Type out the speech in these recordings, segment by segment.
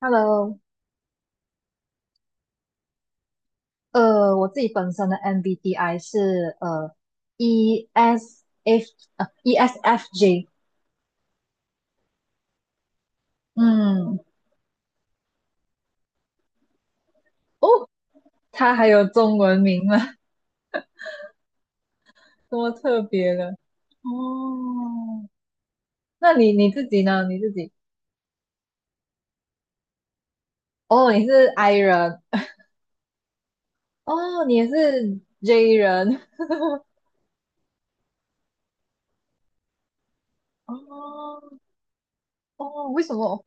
Hello，我自己本身的 MBTI 是呃 ESF 呃 ESFJ，嗯。哦，它还有中文名吗？多特别的哦。那你自己呢？你自己哦，你是 I 人。哦，你也是 J 人。 哦哦，为什么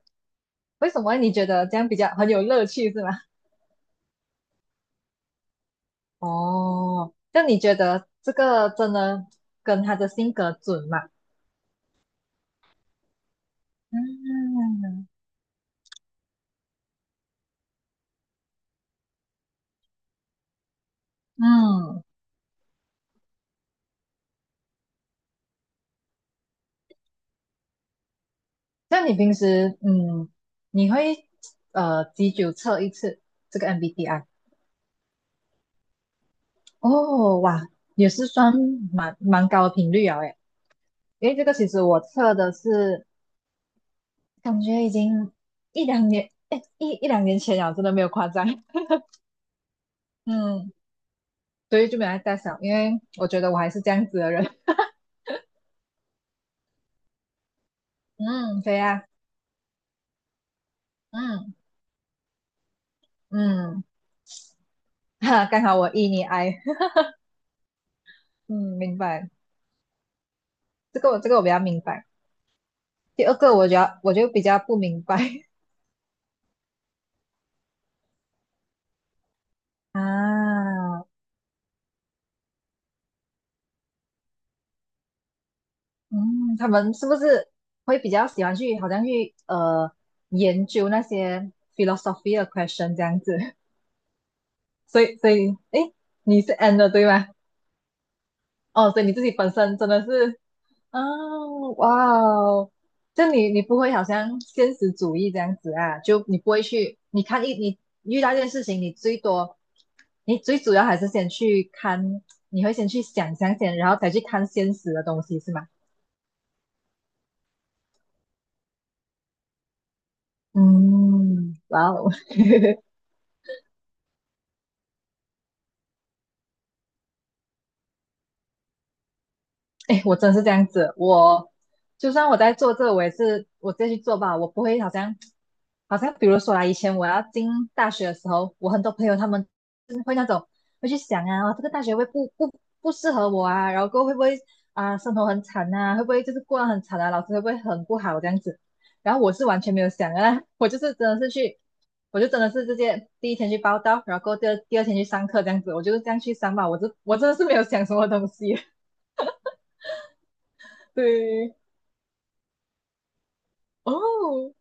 为什么你觉得这样比较很有乐趣是吗？哦，那你觉得这个真的跟他的性格准吗？嗯嗯。像你平时你会几久测一次这个 MBTI？哦，哇，也是算蛮高的频率啊，诶，因为这个其实我测的是感觉已经一两年，诶，一两年前了，真的没有夸张。嗯，所以就没有再想，因为我觉得我还是这样子的人。嗯，对呀、嗯嗯。哈，刚好我 E 你 I。嗯，明白，这个我比较明白。第二个我觉得我就比较不明白。 啊，嗯，他们是不是会比较喜欢去，好像去研究那些 philosophy 的 question 这样子？所以，诶，你是 N 的对吗？哦，所以你自己本身真的是。哦，哇哦，就你不会好像现实主义这样子啊？就你不会去，你看一你遇到一件事情，你最多，你最主要还是先去看，你会先去想象先，然后才去看现实的东西是吗？嗯，哇哦。哎，我真的是这样子，我就算我在做这个，我也是我自己去做吧，我不会好像比如说啊，以前我要进大学的时候，我很多朋友他们是会那种会去想啊，哦这个大学会不适合我啊，然后过后会不会啊生活很惨啊，会不会就是过得很惨啊，老师会不会很不好这样子，然后我是完全没有想啊，我就是真的是去，我就真的是直接第一天去报到，然后过后第二天去上课这样子，我就是这样去上吧，我这我真的是没有想什么东西。对。哦，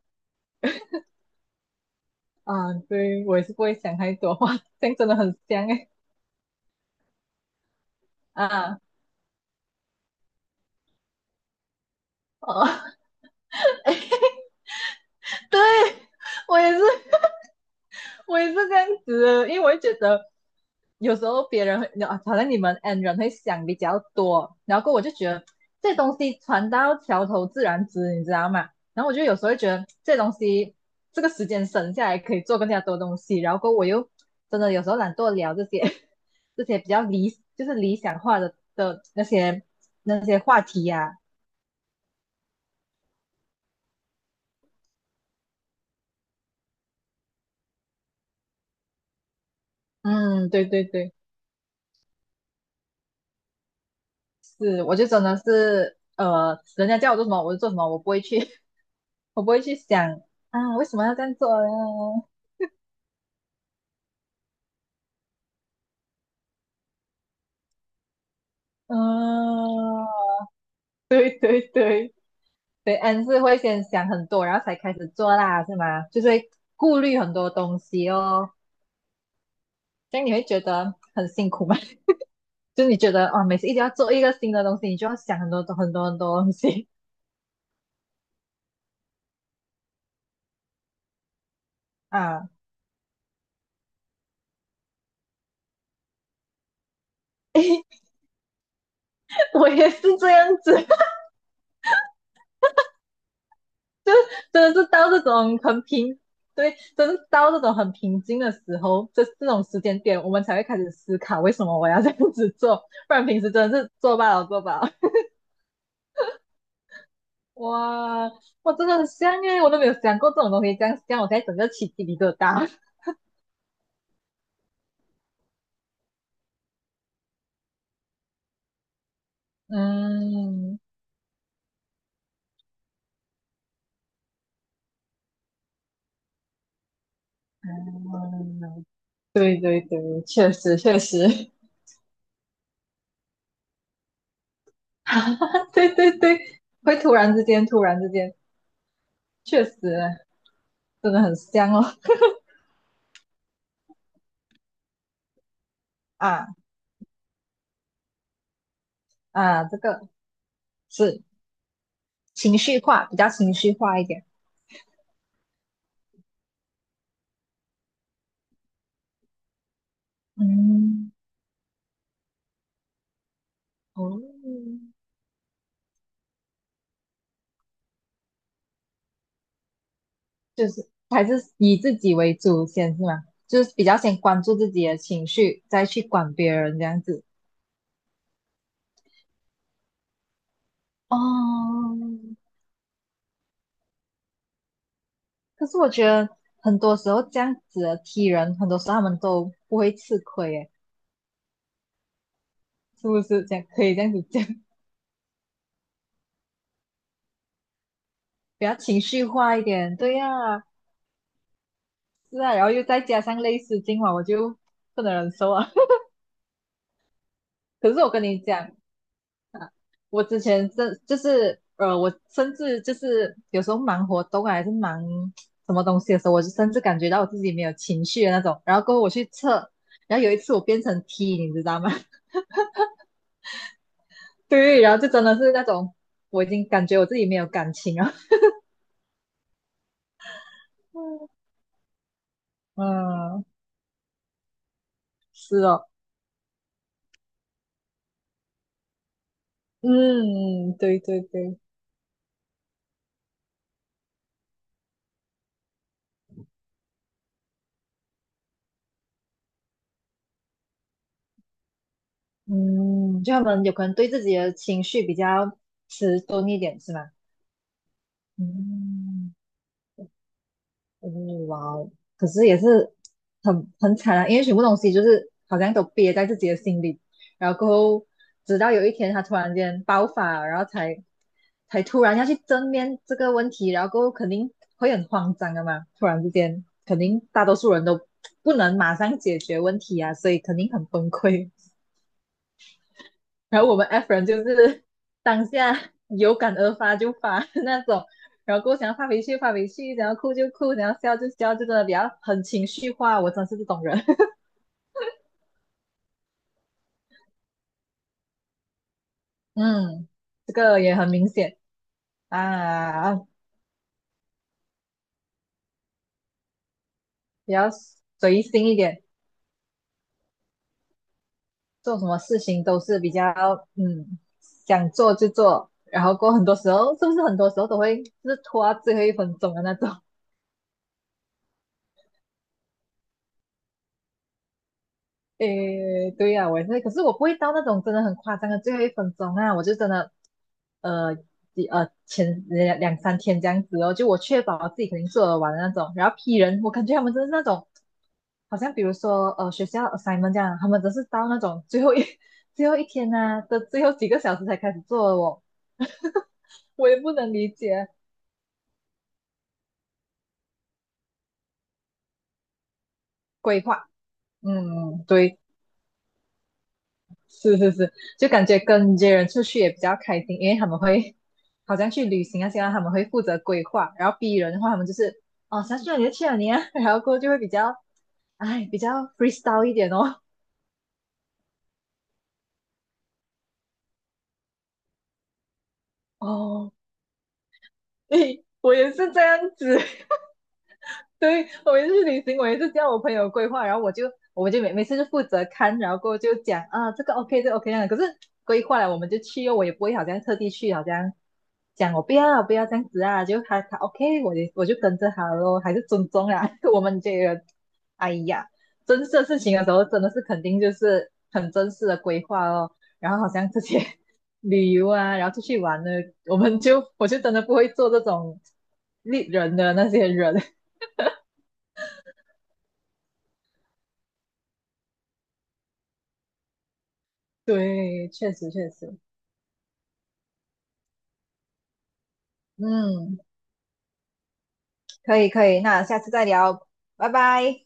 啊，对，我也是不会想太多，哇，这样真的很香诶。啊，哦，对，我也是，我也是这样子，因为我会觉得有时候别人啊好像你们 N 人会想比较多，然后我就觉得这东西船到桥头自然直，你知道吗？然后我就有时候会觉得这东西这个时间省下来可以做更加多东西，然后我又真的有时候懒惰聊这些比较就是理想化的那些话题呀、嗯，对对对，是，我就真的是人家叫我做什么我就做什么，我不会去想啊，为什么要这样做呢。嗯，对对对对。嗯，是会先想很多，然后才开始做啦，是吗？就是会顾虑很多东西哦。这样你会觉得很辛苦吗？就是你觉得哦，每次一定要做一个新的东西，你就要想很多很多很多东西啊。我也是这样子，真的是到这种很平，对，真是到这种很平静的时候，这种时间点，我们才会开始思考为什么我要这样子做，不然平时真的是做罢了做罢了。哇，我真的很香耶！我都没有想过这种东西，这样这样我才整个起鸡皮疙瘩。嗯嗯对对对，确实确实。对对对，会突然之间，突然之间，确实真的很香哦。啊啊，这个是。情绪化，比较情绪化一点。嗯，哦，就是还是以自己为主先是吗？就是比较先关注自己的情绪，再去管别人这样子。哦，可是我觉得很多时候这样子的 T 人，很多时候他们都不会吃亏，诶，是不是这样？可以这样子讲。比较情绪化一点。对呀、是啊，然后又再加上类似今晚我就不能忍受啊。可是我跟你讲，我之前真就是我甚至就是有时候忙活动啊还是忙什么东西的时候，我就甚至感觉到我自己没有情绪的那种。然后过后我去测，然后有一次我变成 T，你知道吗？对，然后就真的是那种我已经感觉我自己没有感情了。嗯，是哦。嗯，对对对。嗯，就他们有可能对自己的情绪比较迟钝一点，是吗？嗯。哦，哇哦，可是也是很惨啊，因为全部东西就是好像都憋在自己的心里，然后过后直到有一天他突然间爆发，然后才突然要去正面这个问题，然后过后肯定会很慌张的嘛，突然之间肯定大多数人都不能马上解决问题啊，所以肯定很崩溃。然后我们 F 人就是 当下有感而发就发的那种，然后过后想要发脾气发脾气，想要哭就哭，想要笑就笑，就真的比较很情绪化。我真是这种人。嗯，这个也很明显啊，比较随心一点，做什么事情都是比较想做就做，然后过后很多时候是不是很多时候都会就是拖到最后一分钟的那种。诶，对呀、我也是，可是我不会到那种真的很夸张的最后一分钟啊，我就真的，呃，前两三天这样子哦，就我确保我自己肯定做得完的那种，然后 P 人，我感觉他们真的是那种，好像比如说学校 assignment 这样，他们只是到那种最后一 最后一天呐、的最后几个小时才开始做的哦，我也不能理解。规划，嗯，对。是是是，就感觉跟这些人出去也比较开心，因为他们会好像去旅行啊，现在他们会负责规划，然后 B 人的话，他们就是哦想去哪里就去哪里啊，然后过后就会比较哎比较 freestyle 一点哦。哦，诶，我也是这样子。对，我每次去旅行，我也是叫我朋友规划，然后我就每次就负责看，然后过后就讲啊这个 OK 这个 OK 那样的可是规划了我们就去哦，我也不会好像特地去，好像讲我不要这样子啊，就他 OK，我也我就跟着他咯，还是尊重啊。我们这个，哎呀，真式的事情的时候真的是肯定就是很真实的规划哦，然后好像这些 旅游啊，然后出去玩呢，我们就我就真的不会做这种。利人的那些人，对，确实确实。嗯，可以可以，那下次再聊，拜拜。